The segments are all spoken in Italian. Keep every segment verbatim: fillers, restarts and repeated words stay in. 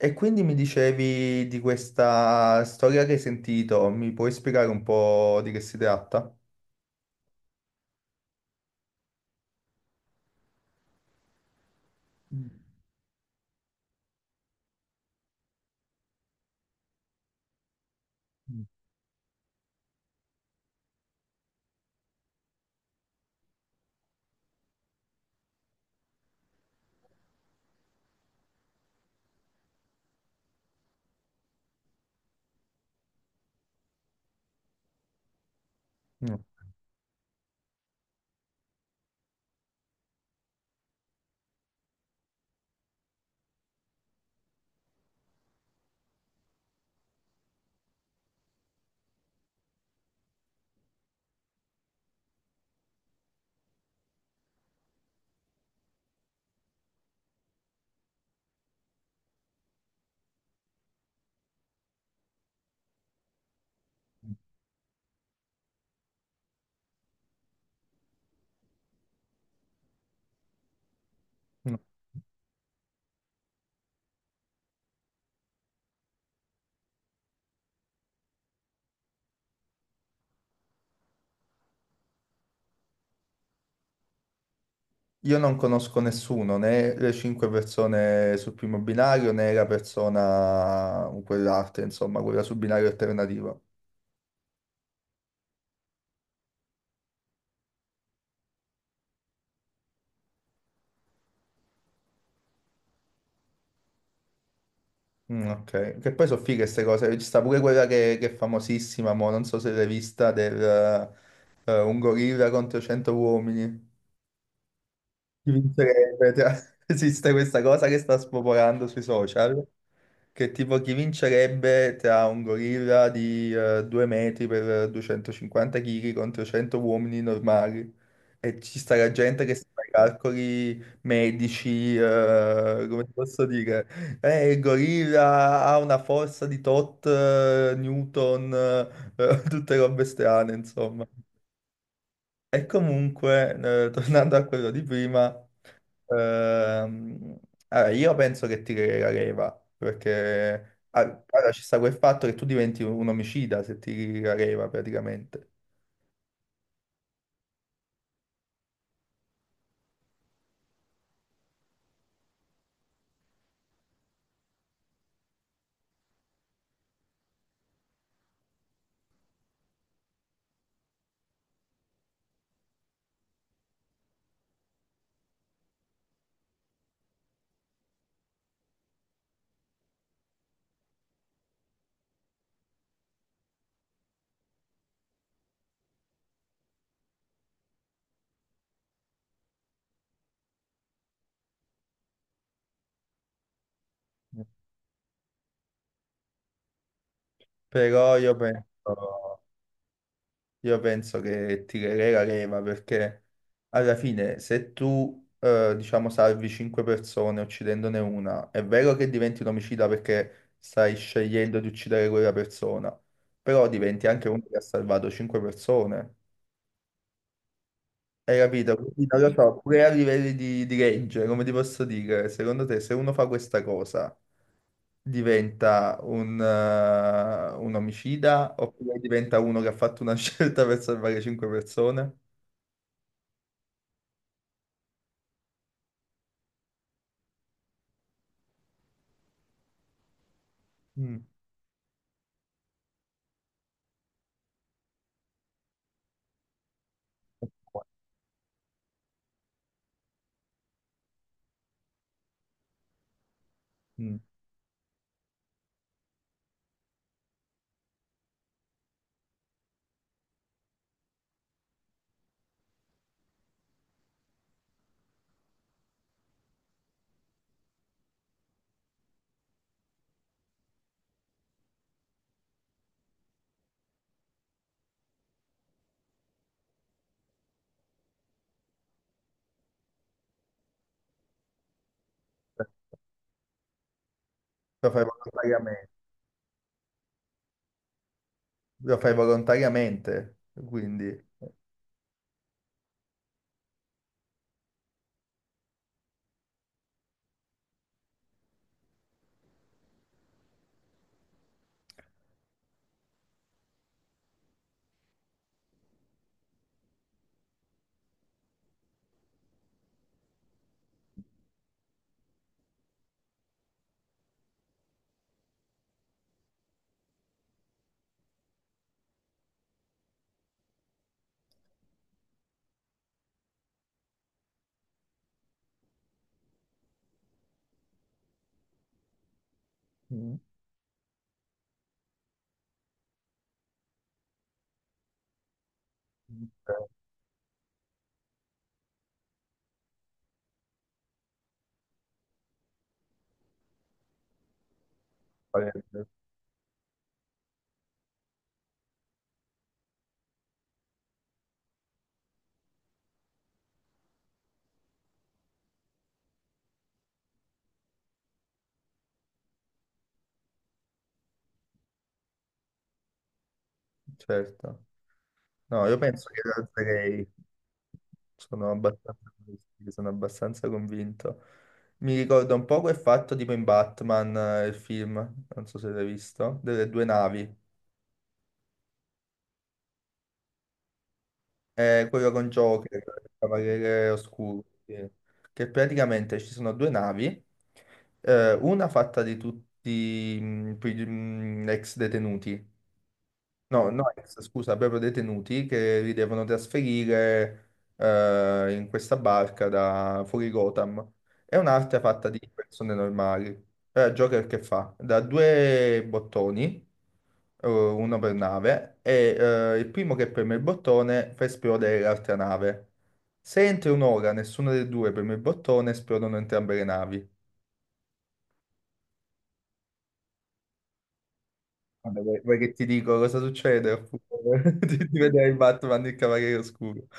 E quindi mi dicevi di questa storia che hai sentito, mi puoi spiegare un po' di che si tratta? Mm. No, no. Io non conosco nessuno, né le cinque persone sul primo binario, né la persona, mm, quell'altra, insomma, quella sul binario alternativo. Mm, ok, che poi sono fighe queste cose, ci sta pure quella che, che è famosissima, mo, non so se l'hai vista, del, eh, un gorilla contro cento uomini. Chi vincerebbe? Cioè, esiste questa cosa che sta spopolando sui social, che tipo chi vincerebbe tra un gorilla di eh, due metri per duecentocinquanta chili contro cento uomini normali. E ci sta la gente che si fa i calcoli medici, eh, come ti posso dire? Eh, il gorilla ha una forza di tot, eh, Newton, eh, tutte robe strane, insomma. E comunque, eh, tornando a quello di prima... Ehm, allora, io penso che ti la leva, perché ah, allora, ci sta quel fatto che tu diventi un omicida se ti la leva praticamente. Però io penso, io penso che tirerei la leva perché alla fine se tu eh, diciamo salvi cinque persone uccidendone una, è vero che diventi un omicida perché stai scegliendo di uccidere quella persona, però diventi anche uno che ha salvato cinque persone. Hai capito? Quindi non lo so, pure a livelli di, di legge, come ti posso dire, secondo te se uno fa questa cosa diventa un, eh, un omicida oppure diventa uno che ha fatto una scelta per salvare cinque persone? Mm. Mm. Lo fai volontariamente, lo fai volontariamente, quindi... Mm. Eh, farebbe, certo. No, io penso che lo alzerei. Sono abbastanza, sì, sono abbastanza convinto. Mi ricorda un po' quel fatto tipo in Batman, eh, il film, non so se l'hai visto, delle due navi. È quello con Joker, il Cavaliere Oscuro, sì. Che praticamente ci sono due navi, eh, una fatta di tutti mh, pri- mh, ex detenuti. No, no, ex, scusa, proprio detenuti che li devono trasferire eh, in questa barca da fuori Gotham. È un'arte fatta di persone normali. Allora, Joker che fa? Da due bottoni, eh, uno per nave, e eh, il primo che preme il bottone fa esplodere l'altra nave. Se entro un'ora nessuno dei due preme il bottone, esplodono entrambe le navi. Vabbè, vuoi vuoi che ti dico cosa succede? Oppure Di, di vedere il Batman il Cavaliere Oscuro.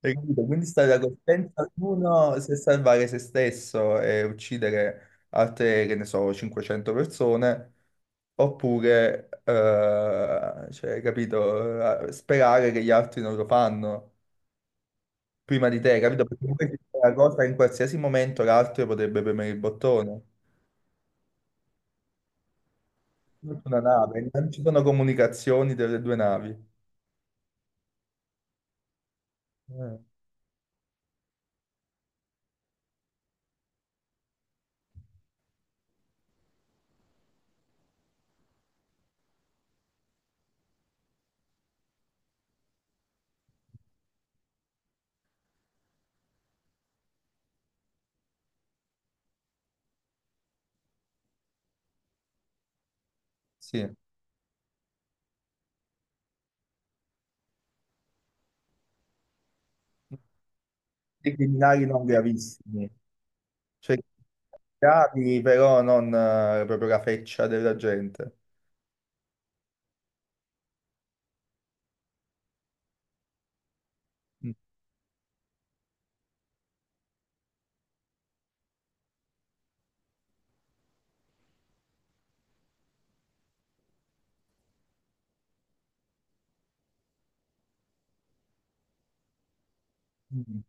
Hai capito? Quindi sta la coscienza di uno se salvare se stesso e uccidere altre, che ne so, cinquecento persone, oppure, eh, cioè, hai capito, eh, sperare che gli altri non lo fanno prima di te, capito? Perché poi c'è la cosa che in qualsiasi momento l'altro potrebbe premere il bottone. Tutta una nave, non ci sono comunicazioni delle due navi. Eh, sì. Dei criminali non gravissimi. Cioè, bravi, però non eh, proprio la feccia della gente. Mm. Mm.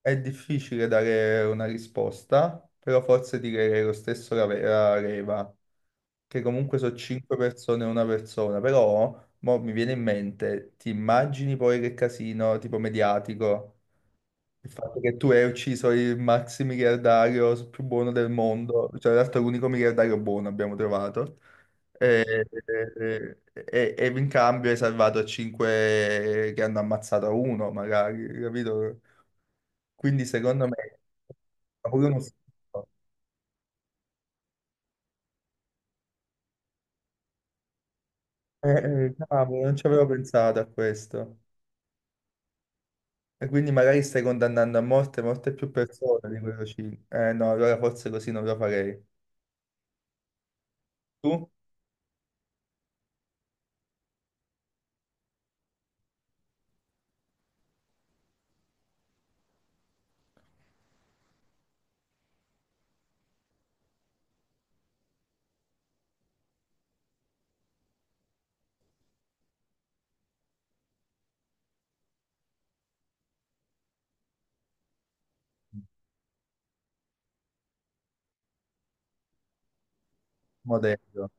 È difficile dare una risposta, però forse direi lo stesso la, ve- la Reva, che comunque sono cinque persone e una persona, però mo mi viene in mente, ti immagini poi che casino tipo mediatico? Il fatto che tu hai ucciso il maxi miliardario più buono del mondo, cioè in realtà l'unico miliardario buono abbiamo trovato, e, e- e- e in cambio hai salvato cinque che hanno ammazzato uno, magari, capito? Quindi secondo me è pure uno schifo. Eh, eh, cavolo, non ci avevo pensato a questo. E quindi magari stai condannando a morte molte più persone di quello cinque. Eh no, allora forse così non lo farei. Tu? Modello.